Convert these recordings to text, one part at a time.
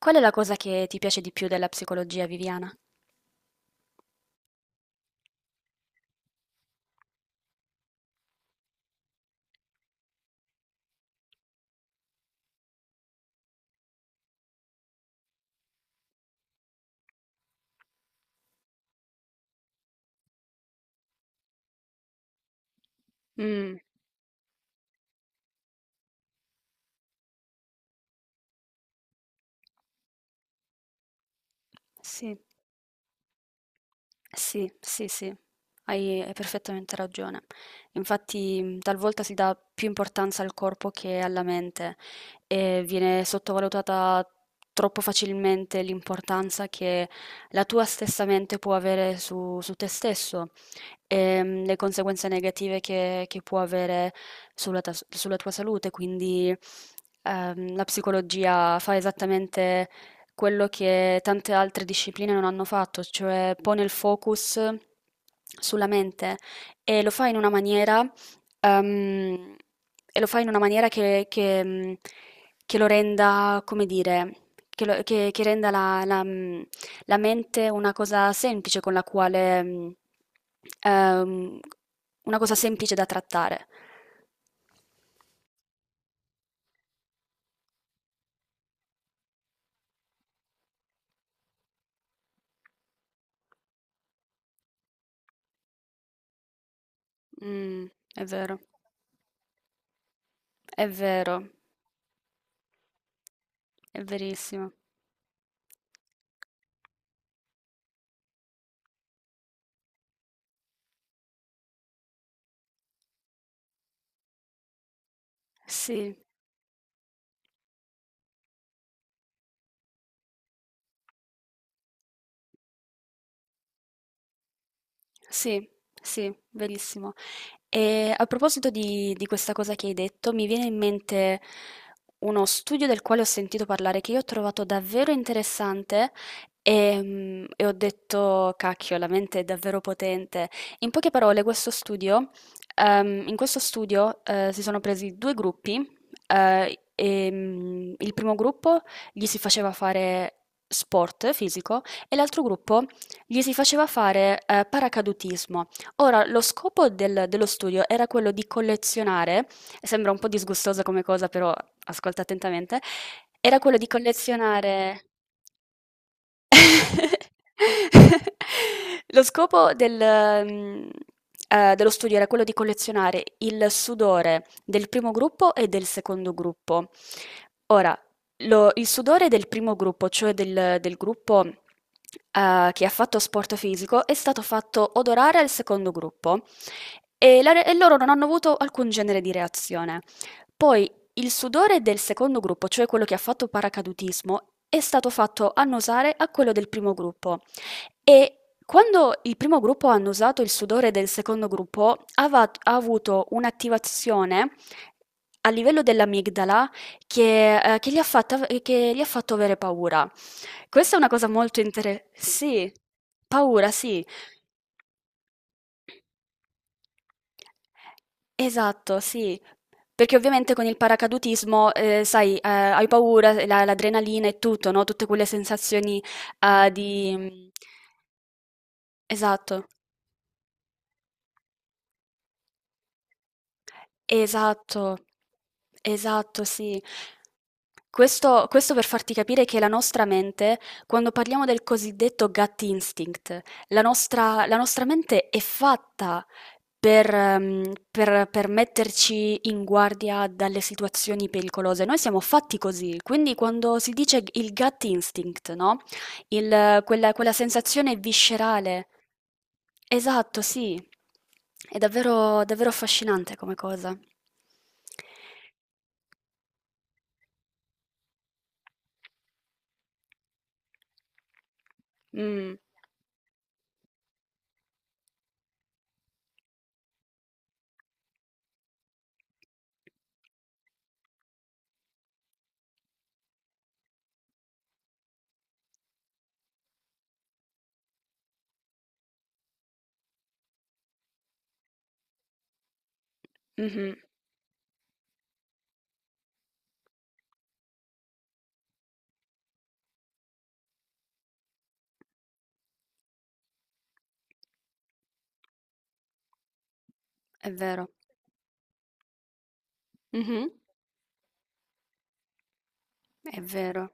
Qual è la cosa che ti piace di più della psicologia, Viviana? Mm, sì. Sì, sì, sì, hai perfettamente ragione. Infatti, talvolta si dà più importanza al corpo che alla mente e viene sottovalutata troppo facilmente l'importanza che la tua stessa mente può avere su te stesso e le conseguenze negative che può avere sulla tua salute. Quindi, la psicologia fa esattamente quello che tante altre discipline non hanno fatto, cioè pone il focus sulla mente e lo fa in una maniera, ehm, e lo fa in una maniera che lo renda, come dire, che renda la mente ehm, una cosa semplice da trattare. Mm, è vero, è vero, è verissimo. Sì. Sì, sì, verissimo. E a proposito di questa cosa che hai detto, mi viene in mente uno studio del quale ho sentito parlare che io ho trovato davvero interessante e ho detto, cacchio, la mente è davvero potente. In poche parole, in questo studio si sono presi due gruppi. E il primo gruppo gli si faceva fare sport fisico e l'altro gruppo gli si faceva fare paracadutismo. Ora, lo scopo dello studio era quello di collezionare, sembra un po' disgustosa come cosa, però ascolta attentamente, era quello di collezionare... Lo scopo dello studio era quello di collezionare il sudore del primo gruppo e del secondo gruppo. Ora, lo il sudore del primo gruppo, cioè del gruppo, che ha fatto sport fisico, è stato fatto odorare al secondo gruppo e la re e loro non hanno avuto alcun genere di reazione. Poi il sudore del secondo gruppo, cioè quello che ha fatto paracadutismo, è stato fatto annusare a quello del primo gruppo e quando il primo gruppo ha annusato il sudore del secondo gruppo, ha avuto un'attivazione a livello dell'amigdala che, che gli ha fatto avere paura. Questa è una cosa molto interessante. Sì, paura, sì. Esatto, sì. Perché ovviamente con il paracadutismo, sai, hai paura, l'adrenalina e tutto, no? Tutte quelle sensazioni, eh, di... mm, Esatto. Esatto, esatto, sì. Questo per farti capire che la nostra mente, quando parliamo del cosiddetto gut instinct, la nostra mente è fatta per metterci in guardia dalle situazioni pericolose. Noi siamo fatti così, quindi quando si dice il gut instinct, no? Quella sensazione viscerale. Esatto, sì. È davvero, davvero affascinante come cosa. Mm, mhm, è vero. Mhm, è vero.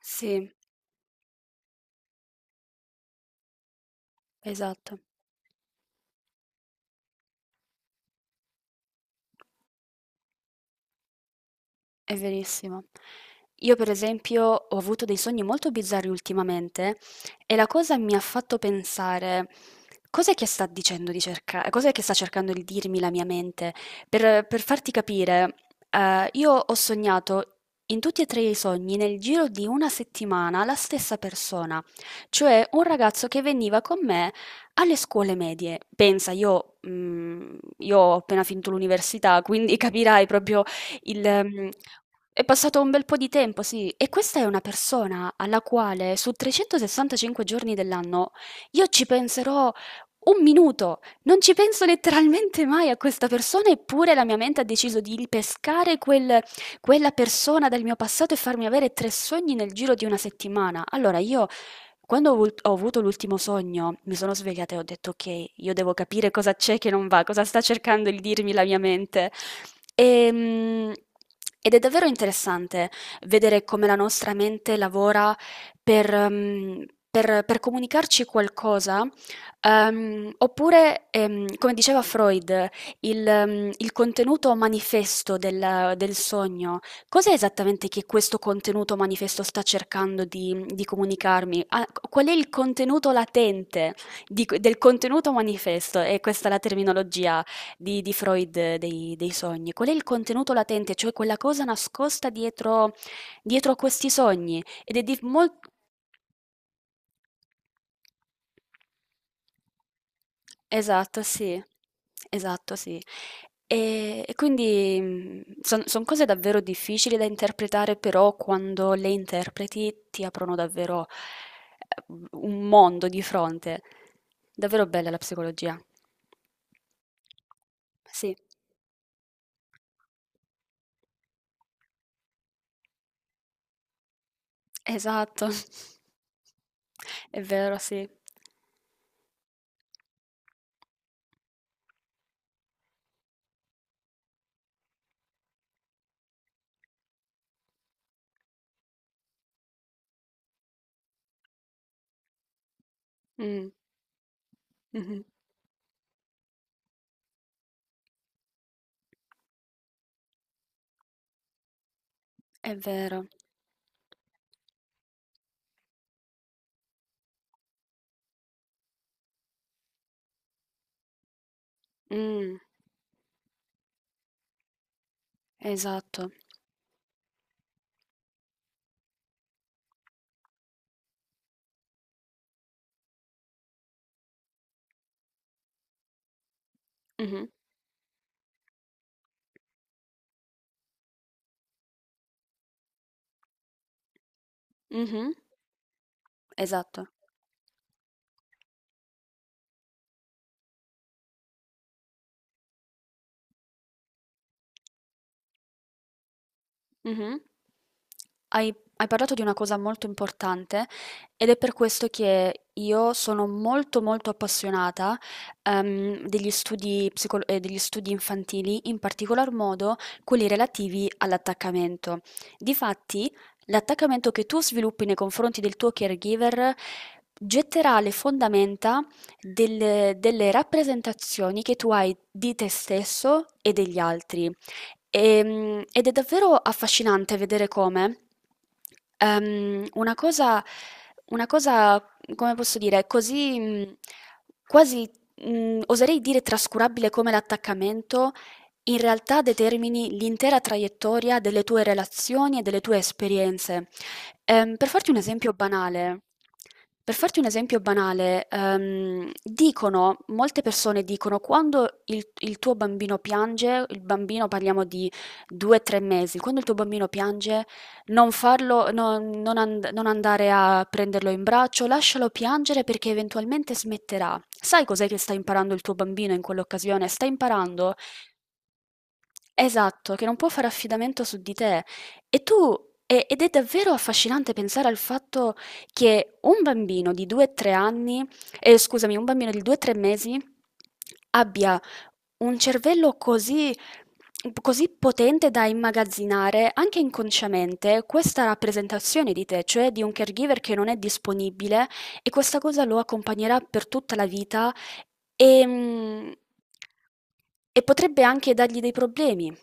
Sì, esatto. È verissimo. Io per esempio ho avuto dei sogni molto bizzarri ultimamente e la cosa mi ha fatto pensare cos'è che sta dicendo di cercare, cos'è che sta cercando di dirmi la mia mente. Per farti capire, io ho sognato in tutti e 3 i sogni nel giro di 1 settimana la stessa persona, cioè un ragazzo che veniva con me alle scuole medie. Pensa, io ho appena finito l'università, quindi capirai proprio il mhmm, è passato un bel po' di tempo, sì, e questa è una persona alla quale su 365 giorni dell'anno io ci penserò un minuto, non ci penso letteralmente mai a questa persona, eppure la mia mente ha deciso di ripescare quella persona dal mio passato e farmi avere tre sogni nel giro di una settimana. Allora io quando ho avuto l'ultimo sogno, mi sono svegliata e ho detto: "Okay, io devo capire cosa c'è che non va, cosa sta cercando di dirmi la mia mente". Ehm, ed è davvero interessante vedere come la nostra mente lavora per comunicarci qualcosa, oppure, come diceva Freud, il contenuto manifesto del sogno. Cos'è esattamente che questo contenuto manifesto sta cercando di comunicarmi? Ah, qual è il contenuto latente del contenuto manifesto? E questa è la terminologia di Freud dei sogni, qual è il contenuto latente, cioè quella cosa nascosta dietro, dietro a questi sogni. Ed è di molto... Esatto, sì, esatto, sì. E quindi sono cose davvero difficili da interpretare, però quando le interpreti ti aprono davvero eh, un mondo di fronte. Davvero bella la psicologia. Sì, esatto. È vero, sì. Mm. Mh-mh. È vero. Mh, esatto. Mh-mh. Mh-mh. Esatto. Mh-mh. Hai Hai parlato di una cosa molto importante ed è per questo che io sono molto, molto appassionata, degli studi infantili, in particolar modo quelli relativi all'attaccamento. Difatti, l'attaccamento che tu sviluppi nei confronti del tuo caregiver getterà le fondamenta delle rappresentazioni che tu hai di te stesso e degli altri. Ed è davvero affascinante vedere come ehm, una cosa, una cosa, come posso dire, così quasi, oserei dire trascurabile come l'attaccamento, in realtà determini l'intera traiettoria delle tue relazioni e delle tue esperienze. Ehm, per farti un esempio banale, per farti un esempio banale, dicono, molte persone dicono, quando il tuo bambino piange, il bambino parliamo di 2-3 mesi, quando il tuo bambino piange, non, farlo, non andare a prenderlo in braccio, lascialo piangere perché eventualmente smetterà. Sai cos'è che sta imparando il tuo bambino in quell'occasione? Sta imparando. Esatto, che non può fare affidamento su di te. E tu, ed è davvero affascinante pensare al fatto che un bambino di 2-3 anni, scusami, un bambino di 2-3 mesi abbia un cervello così, così potente da immagazzinare anche inconsciamente questa rappresentazione di te, cioè di un caregiver che non è disponibile e questa cosa lo accompagnerà per tutta la vita. Ehm, e potrebbe anche dargli dei problemi.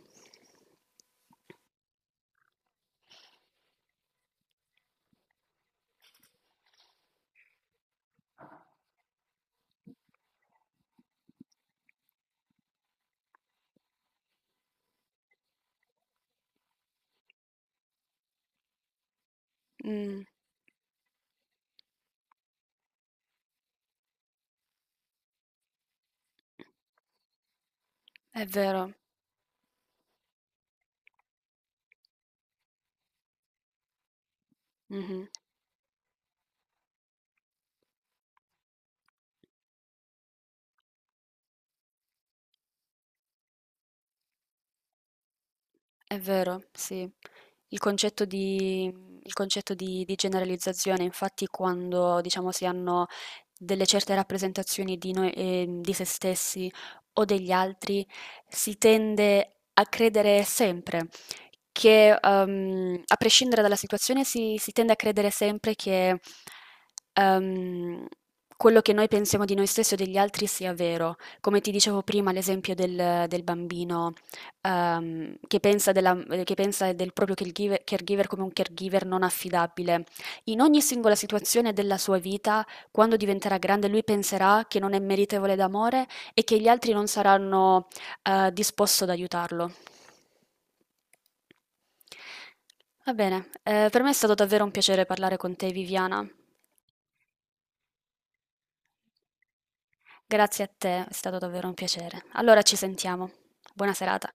Mh, è vero. Mh-mh. È vero, sì. Il concetto di, il concetto di generalizzazione, infatti, quando diciamo si hanno delle certe rappresentazioni di noi, di se stessi o degli altri, si tende a credere sempre che, a prescindere dalla situazione, si tende a credere sempre che, ehm, quello che noi pensiamo di noi stessi o degli altri sia vero. Come ti dicevo prima, l'esempio del bambino ehm, che pensa, della- che pensa del proprio caregiver, come un caregiver non affidabile. In ogni singola situazione della sua vita, quando diventerà grande, lui penserà che non è meritevole d'amore e che gli altri non saranno, disposti ad aiutarlo. Va bene, per me è stato davvero un piacere parlare con te, Viviana. Grazie a te, è stato davvero un piacere. Allora ci sentiamo. Buona serata.